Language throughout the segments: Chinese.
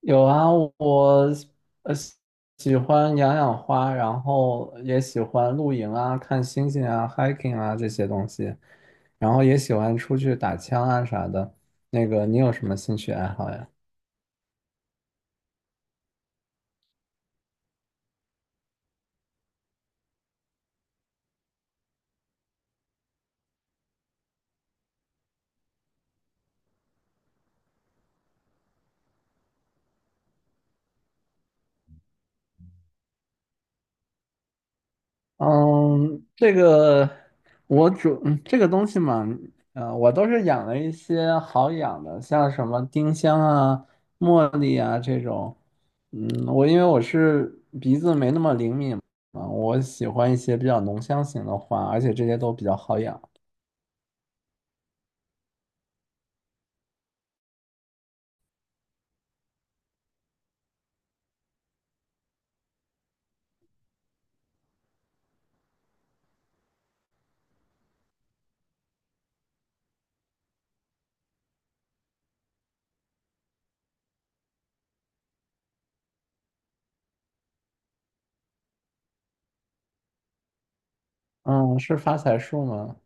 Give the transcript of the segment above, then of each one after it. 有啊。我呃喜喜欢养花，然后也喜欢露营啊、看星星啊、hiking 啊这些东西，然后也喜欢出去打枪啊啥的。那个，你有什么兴趣爱好呀？嗯，这个我这个东西嘛，我都是养了一些好养的，像什么丁香啊、茉莉啊这种。嗯，我因为我是鼻子没那么灵敏嘛，我喜欢一些比较浓香型的花，而且这些都比较好养。嗯，是发财树吗？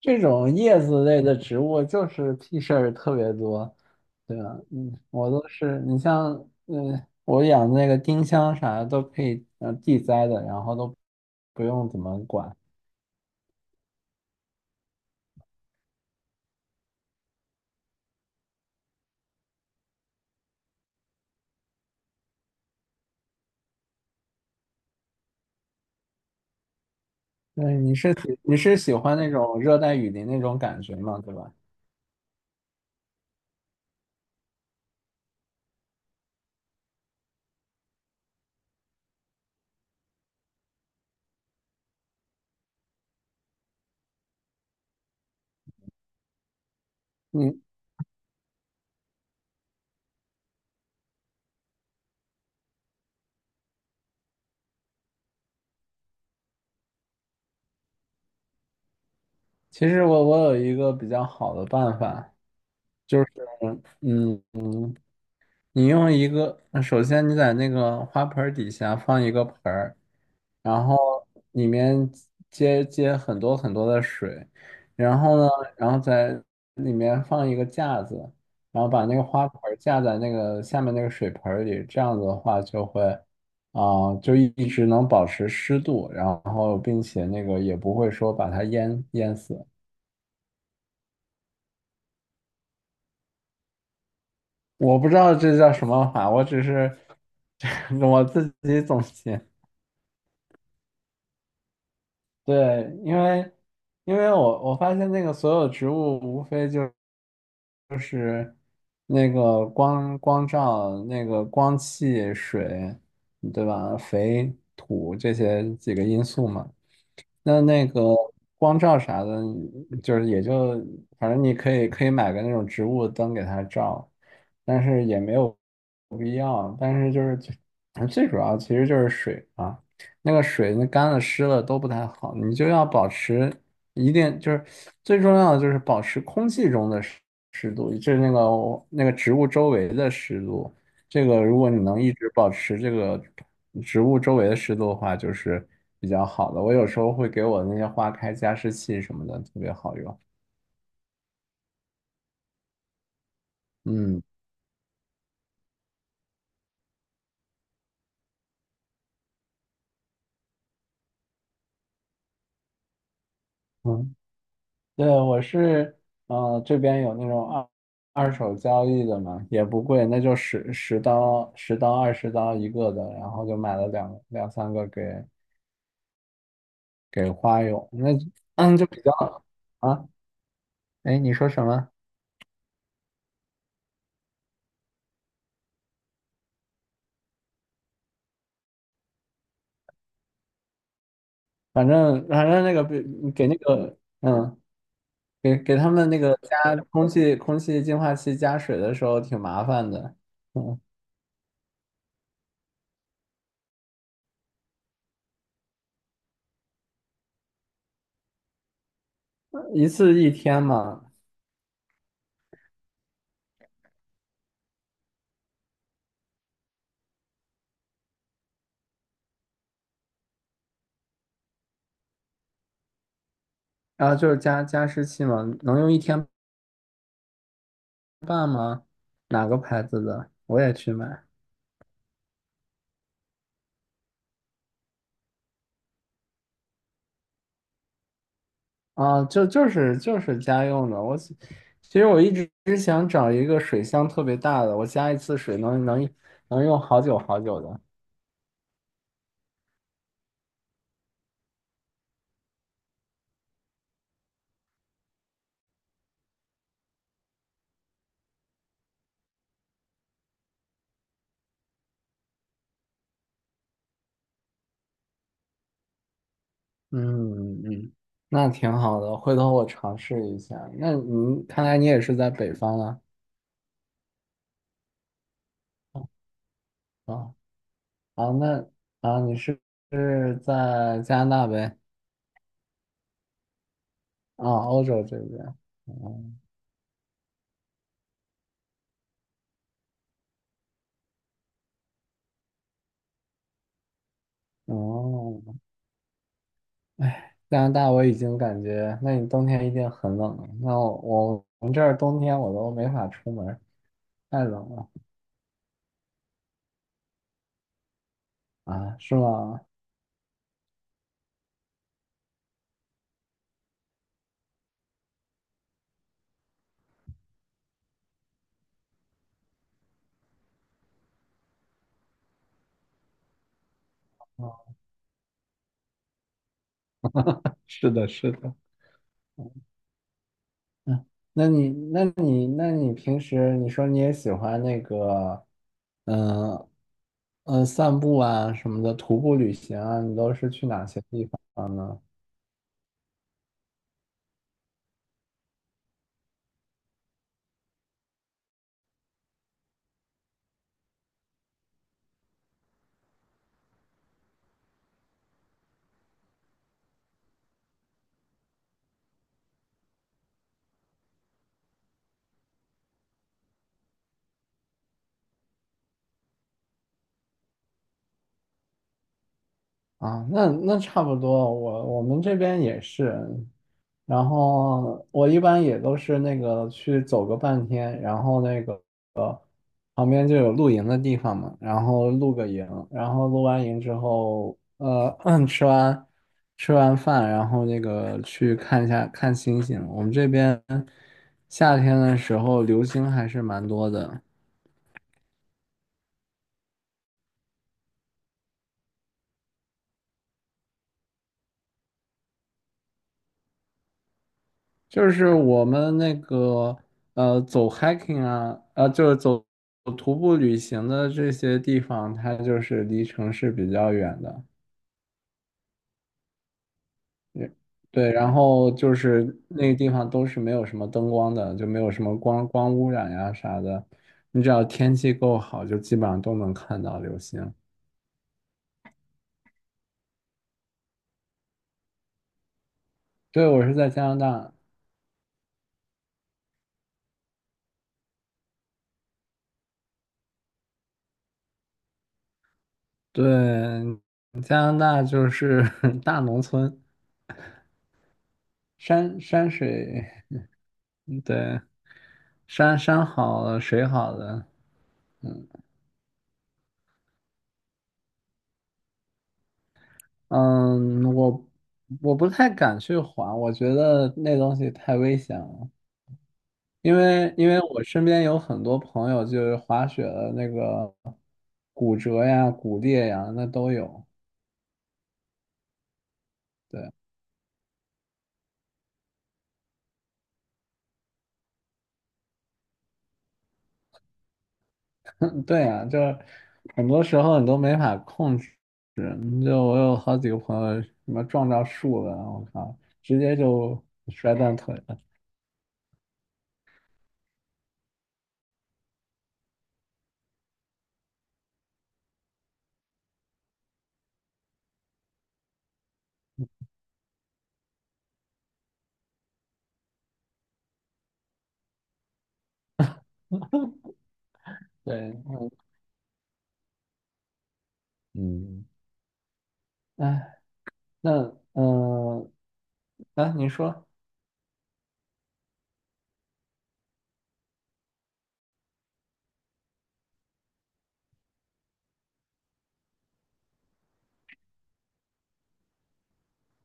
这种叶子类的植物就是屁事儿特别多，对吧？嗯，我都是，你像，嗯，我养那个丁香啥的都可以，嗯，地栽的，然后都不用怎么管。对，你是喜欢那种热带雨林那种感觉嘛，对吧？嗯，其实我有一个比较好的办法，就是，嗯。嗯，你用一个，首先你在那个花盆儿底下放一个盆儿，然后里面接很多很多的水，然后呢，然后在里面放一个架子，然后把那个花盆儿架在那个下面那个水盆儿里，这样子的话就会，啊、就一直能保持湿度，然后并且那个也不会说把它淹死。我不知道这叫什么法，我只是 我自己总结。对，因为因为我发现那个所有植物无非就是那个光照、那个光气、水，对吧？肥、土这些几个因素嘛。那那个光照啥的，就是也就反正你可以买个那种植物灯给它照，但是也没有必要。但是就是最主要其实就是水啊，那个水那干了湿了都不太好，你就要保持一定就是最重要的就是保持空气中的湿度，就是那个植物周围的湿度。这个如果你能一直保持这个植物周围的湿度的话，就是比较好的。我有时候会给我那些花开加湿器什么的，特别好用。嗯嗯，对，我是这边有那种二手交易的嘛，也不贵，那就、十刀、二十刀一个的，然后就买了两三个给给花友。那嗯就比较啊，哎，你说什么？反正那个比给那个嗯。给给他们那个 加空气净化器加水的时候挺麻烦的，嗯，一次一天嘛，然后就是加加湿器嘛，能用一天半吗？哪个牌子的？我也去买啊，就是家用的。我其实我一直想找一个水箱特别大的，我加一次水能用好久好久的。嗯嗯，那挺好的，回头我尝试一下。那你看来你也是在北方了。啊。哦啊，那啊，你是是在加拿大呗？啊，欧洲这边。哦，哦，加拿大我已经感觉，那你冬天一定很冷了。那我们这儿冬天我都没法出门儿太冷了啊，是吗？哦，是的，是的。嗯，那你平时你说你也喜欢那个，嗯、呃散步啊什么的，徒步旅行啊，你都是去哪些地方？呢？啊，那那差不多，我们这边也是，然后我一般也都是那个去走个半天，然后那个呃旁边就有露营的地方嘛，然后露个营，然后露完营之后，吃完吃完饭，然后那个去看一下看星星。我们这边夏天的时候流星还是蛮多的。就是我们那个走 hiking 啊，就是走徒步旅行的这些地方，它就是离城市比较远的，也对，然后就是那个地方都是没有什么灯光的，就没有什么光污染呀啥的，你只要天气够好，就基本上都能看到流星。对，我是在加拿大，对，加拿大就是 大农村，山山水，对。山山好了，水好了，嗯，嗯，我不太敢去滑，我觉得那东西太危险了，因为我身边有很多朋友就是滑雪的那个骨折呀、骨裂呀，那都有。对，对呀，就是很多时候你都没法控制。嗯就我有好几个朋友什么撞到树了，我靠，直接就摔断腿了。对，嗯，哎，那嗯。啊，你说，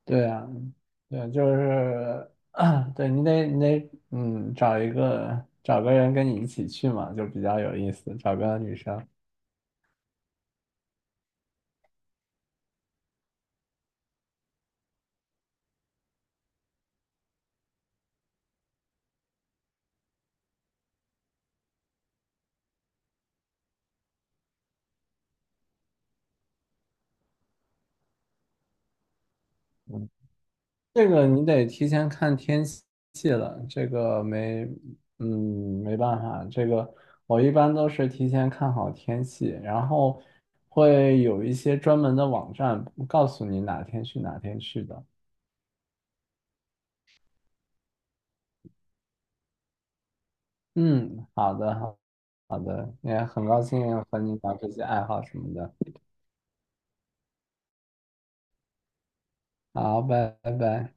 对啊，对，就是，对你得，嗯，找个人跟你一起去嘛，就比较有意思，找个女生。嗯，这个你得提前看天气了，这个没，嗯，没办法，这个我一般都是提前看好天气，然后会有一些专门的网站告诉你哪天去的。嗯，好的，好，好的，也很高兴和你聊这些爱好什么的。好，拜拜。